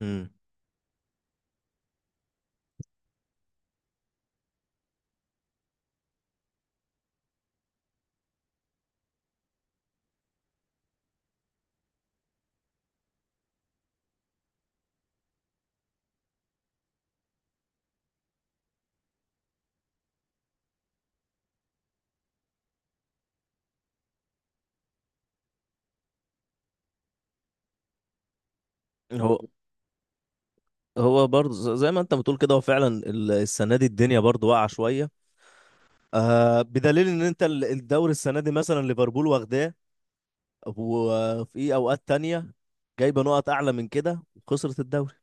امم هو هو برضه زي ما انت بتقول كده هو فعلا السنه دي الدنيا برضه واقعه شويه. آه، بدليل ان انت الدوري السنه دي مثلا ليفربول واخداه. وفي اوقات تانية جايبه نقط اعلى من كده وخسرت الدوري.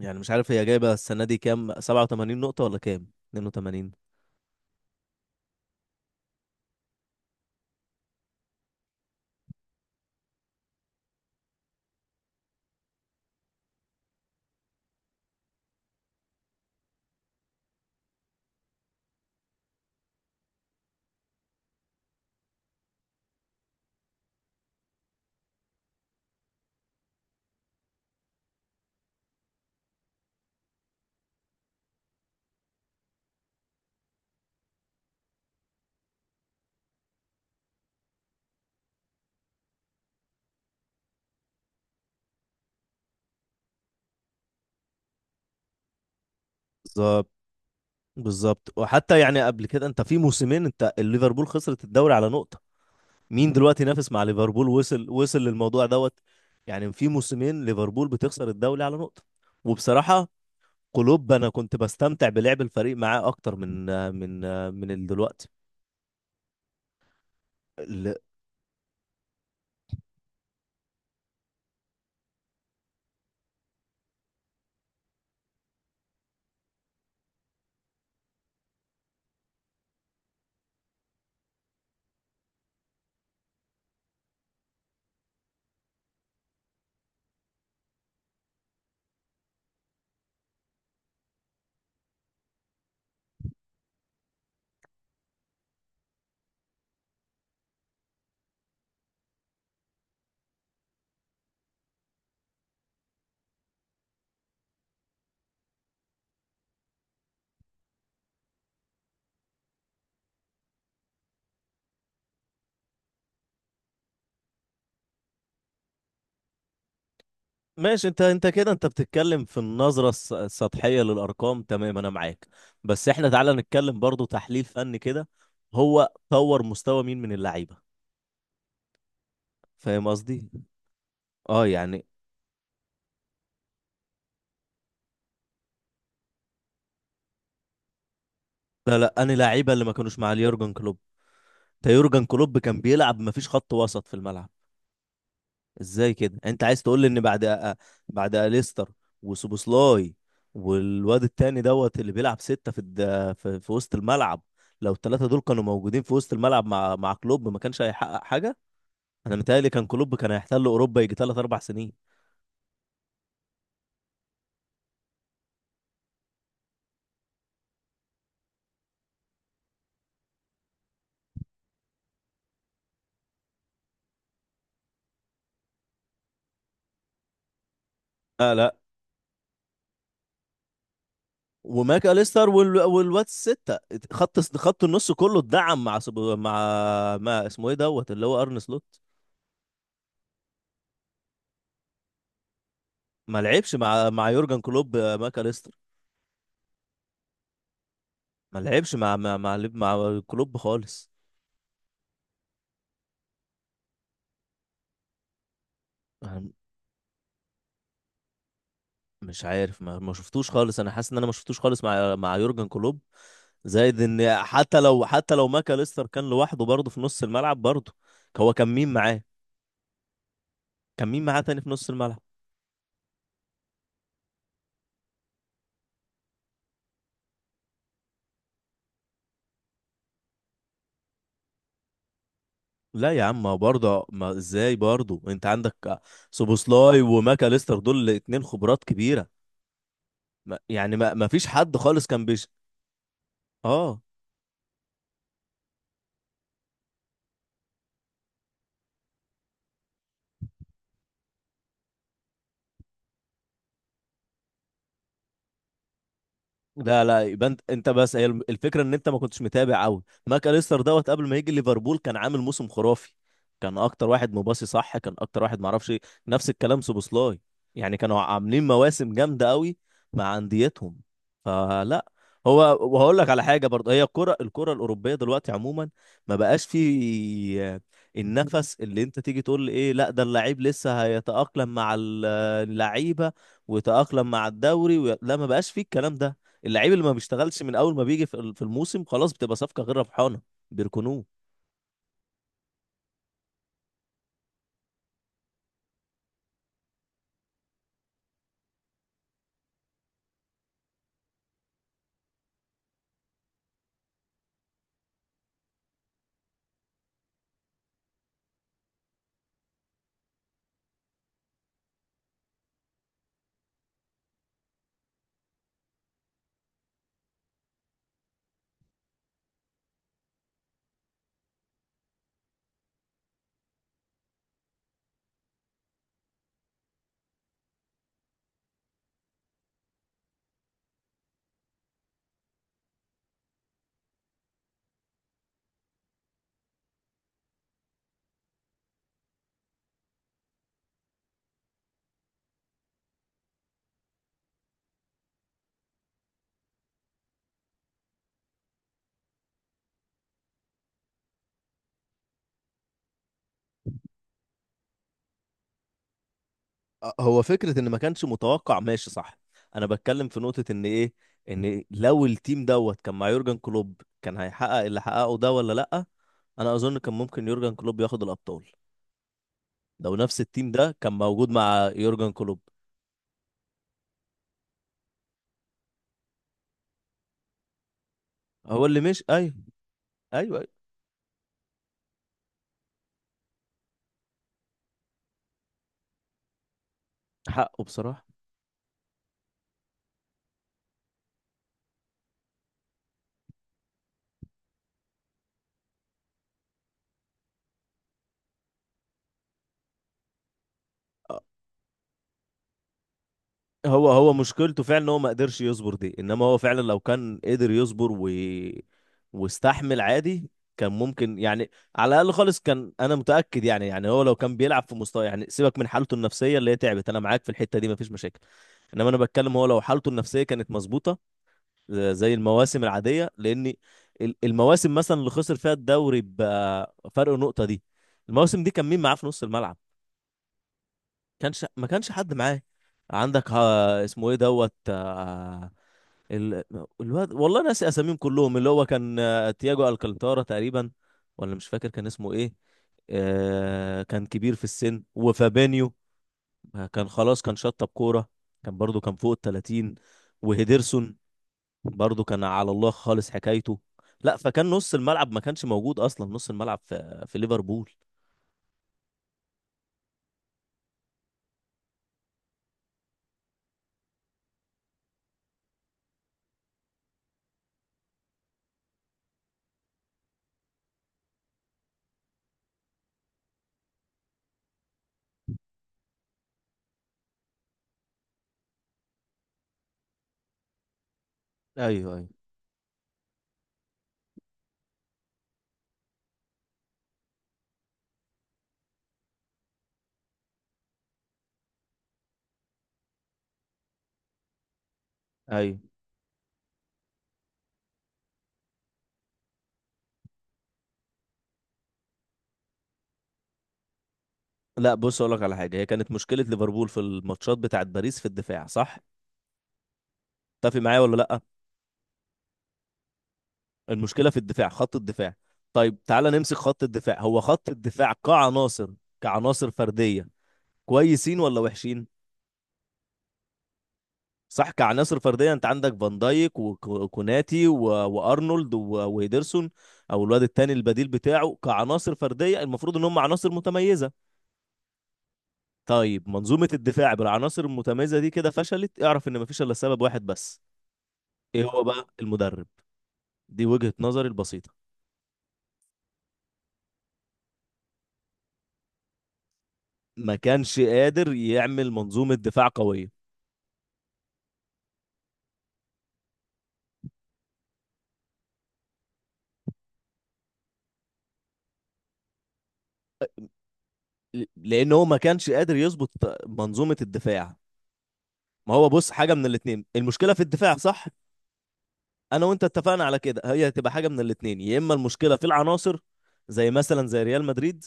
يعني مش عارف، هي جايبه السنه دي كام، 87 نقطه ولا كام، 82؟ بالظبط، بالظبط. وحتى يعني قبل كده انت في موسمين، انت الليفربول خسرت الدوري على نقطه. مين دلوقتي نافس مع ليفربول، وصل للموضوع دوت؟ يعني في موسمين ليفربول بتخسر الدوري على نقطة. وبصراحة كلوب، انا كنت بستمتع بلعب الفريق معاه اكتر من من دلوقتي ال- ماشي، انت كده انت بتتكلم في النظرة السطحية للارقام. تمام انا معاك. بس احنا تعالى نتكلم برضو تحليل فني كده. هو طور مستوى مين من اللعيبة؟ فاهم قصدي؟ اه، يعني. لا، لا، انا لعيبة اللي ما كانوش مع اليورجن كلوب. تا يورجن كلوب كان بيلعب مفيش خط وسط في الملعب. ازاي كده انت عايز تقول لي ان بعد اليستر وسوبوسلاي والواد التاني دوت اللي بيلعب ستة في وسط الملعب. لو الثلاثة دول كانوا موجودين في وسط الملعب مع كلوب ما كانش هيحقق حاجة. انا متهيألي كان كلوب كان هيحتل اوروبا يجي ثلاث اربع سنين. لا، لا، وماك اليستر والواد الستة. خط النص كله اتدعم مع مع ما اسمه ايه دوت اللي هو ارن سلوت. ما لعبش مع يورجن كلوب، ماك اليستر. ما لعبش مع كلوب خالص. أنا مش عارف، ما شفتوش خالص. انا حاسس ان انا ما شفتوش خالص مع يورجن كلوب. زائد ان حتى لو ماكاليستر كان لوحده برضه في نص الملعب برضه. هو كان مين معاه؟ كان مين معاه تاني في نص الملعب؟ لا يا عم، ما برضه، ما ازاي برضه انت عندك سوبوسلاي وماكاليستر دول اتنين خبرات كبيرة. ما يعني ما فيش حد خالص كان بيش. اه، لا، لا، يبقى انت بس هي الفكره ان انت ما كنتش متابع قوي. ماك اليستر دوت قبل ما يجي ليفربول كان عامل موسم خرافي. كان اكتر واحد مباصي صح. كان اكتر واحد ما اعرفش ايه. نفس الكلام سوبوسلاي. يعني كانوا عاملين مواسم جامده قوي مع انديتهم. فلا. هو، وهقول لك على حاجه برضه. هي الكره الاوروبيه دلوقتي عموما ما بقاش في النفس اللي انت تيجي تقول ايه، لا ده اللعيب لسه هيتاقلم مع اللعيبه ويتاقلم مع الدوري لا، ما بقاش في الكلام ده. اللعيب اللي ما بيشتغلش من اول ما بيجي في الموسم خلاص بتبقى صفقه غير ربحانه. بيركنوه. أه، هو فكره ان ما كانش متوقع، ماشي صح. انا بتكلم في نقطه ان ايه؟ ان لو التيم دوت كان مع يورجن كلوب كان هيحقق اللي حققه ده ولا لا. انا اظن كان ممكن يورجن كلوب ياخد الابطال لو نفس التيم ده كان موجود مع يورجن كلوب. هو اللي مش، ايوه. ايوه، أيوة. حقه بصراحه. هو مشكلته فعلا ان هو ما قدرش يصبر دي. انما هو فعلا لو كان قدر يصبر واستحمل عادي، كان ممكن يعني على الاقل خالص، كان انا متاكد. يعني هو لو كان بيلعب في مستوى، يعني سيبك من حالته النفسيه اللي هي تعبت، انا معاك في الحته دي مفيش مشاكل. انما انا بتكلم، هو لو حالته النفسيه كانت مظبوطه، زي المواسم العاديه. لان المواسم مثلا اللي خسر فيها الدوري بفرق نقطه دي، المواسم دي كان مين معاه في نص الملعب؟ ما كانش حد معاه. عندك ها اسمه ايه دوت، ال... الواد والله ناسي اساميهم كلهم اللي هو كان، تياجو الكانتارا تقريبا، ولا مش فاكر كان اسمه ايه. كان كبير في السن وفابينيو. كان خلاص، كان شطب كورة. كان برضو كان فوق التلاتين. وهيدرسون برضو كان على الله خالص حكايته. لا، فكان نص الملعب ما كانش موجود اصلا نص الملعب في ليفربول. ايوه، ايوه. ايوه، لا بص، اقول لك على حاجه. هي كانت مشكله ليفربول في الماتشات بتاعت باريس في الدفاع صح، تتفق معايا ولا لا؟ المشكله في الدفاع، خط الدفاع. طيب تعالى نمسك خط الدفاع. هو خط الدفاع كعناصر فرديه كويسين ولا وحشين؟ صح، كعناصر فرديه انت عندك فان دايك وكوناتي وارنولد وهيدرسون او الواد التاني البديل بتاعه. كعناصر فرديه المفروض ان هم عناصر متميزه. طيب، منظومه الدفاع بالعناصر المتميزه دي كده فشلت، اعرف ان مفيش الا سبب واحد بس. ايه هو بقى؟ المدرب. دي وجهة نظري البسيطة. ما كانش قادر يعمل منظومة دفاع قوية لأن هو ما كانش قادر يظبط منظومة الدفاع. ما هو بص، حاجة من الاتنين، المشكلة في الدفاع صح. أنا وأنت اتفقنا على كده. هي هتبقى حاجة من الاتنين، يا إما المشكلة في العناصر زي مثلا زي ريال مدريد،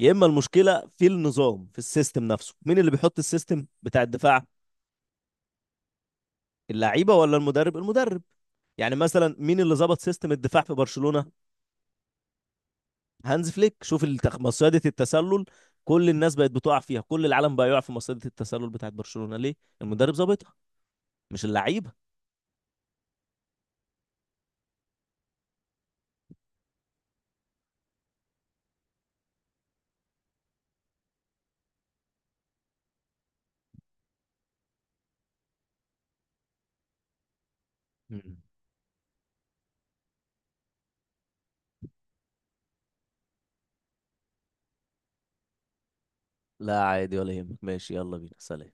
يا إما المشكلة في النظام في السيستم نفسه. مين اللي بيحط السيستم بتاع الدفاع، اللعيبة ولا المدرب؟ المدرب. يعني مثلا مين اللي ظبط سيستم الدفاع في برشلونة؟ هانز فليك. شوف مصيدة التسلل. كل الناس بقت بتقع فيها، كل العالم بقى يقع في مصيدة التسلل بتاعت برشلونة، ليه؟ المدرب ظابطها، مش اللعيبة. مم. لا عادي ولا يهمك، ماشي يلا بينا، سلام.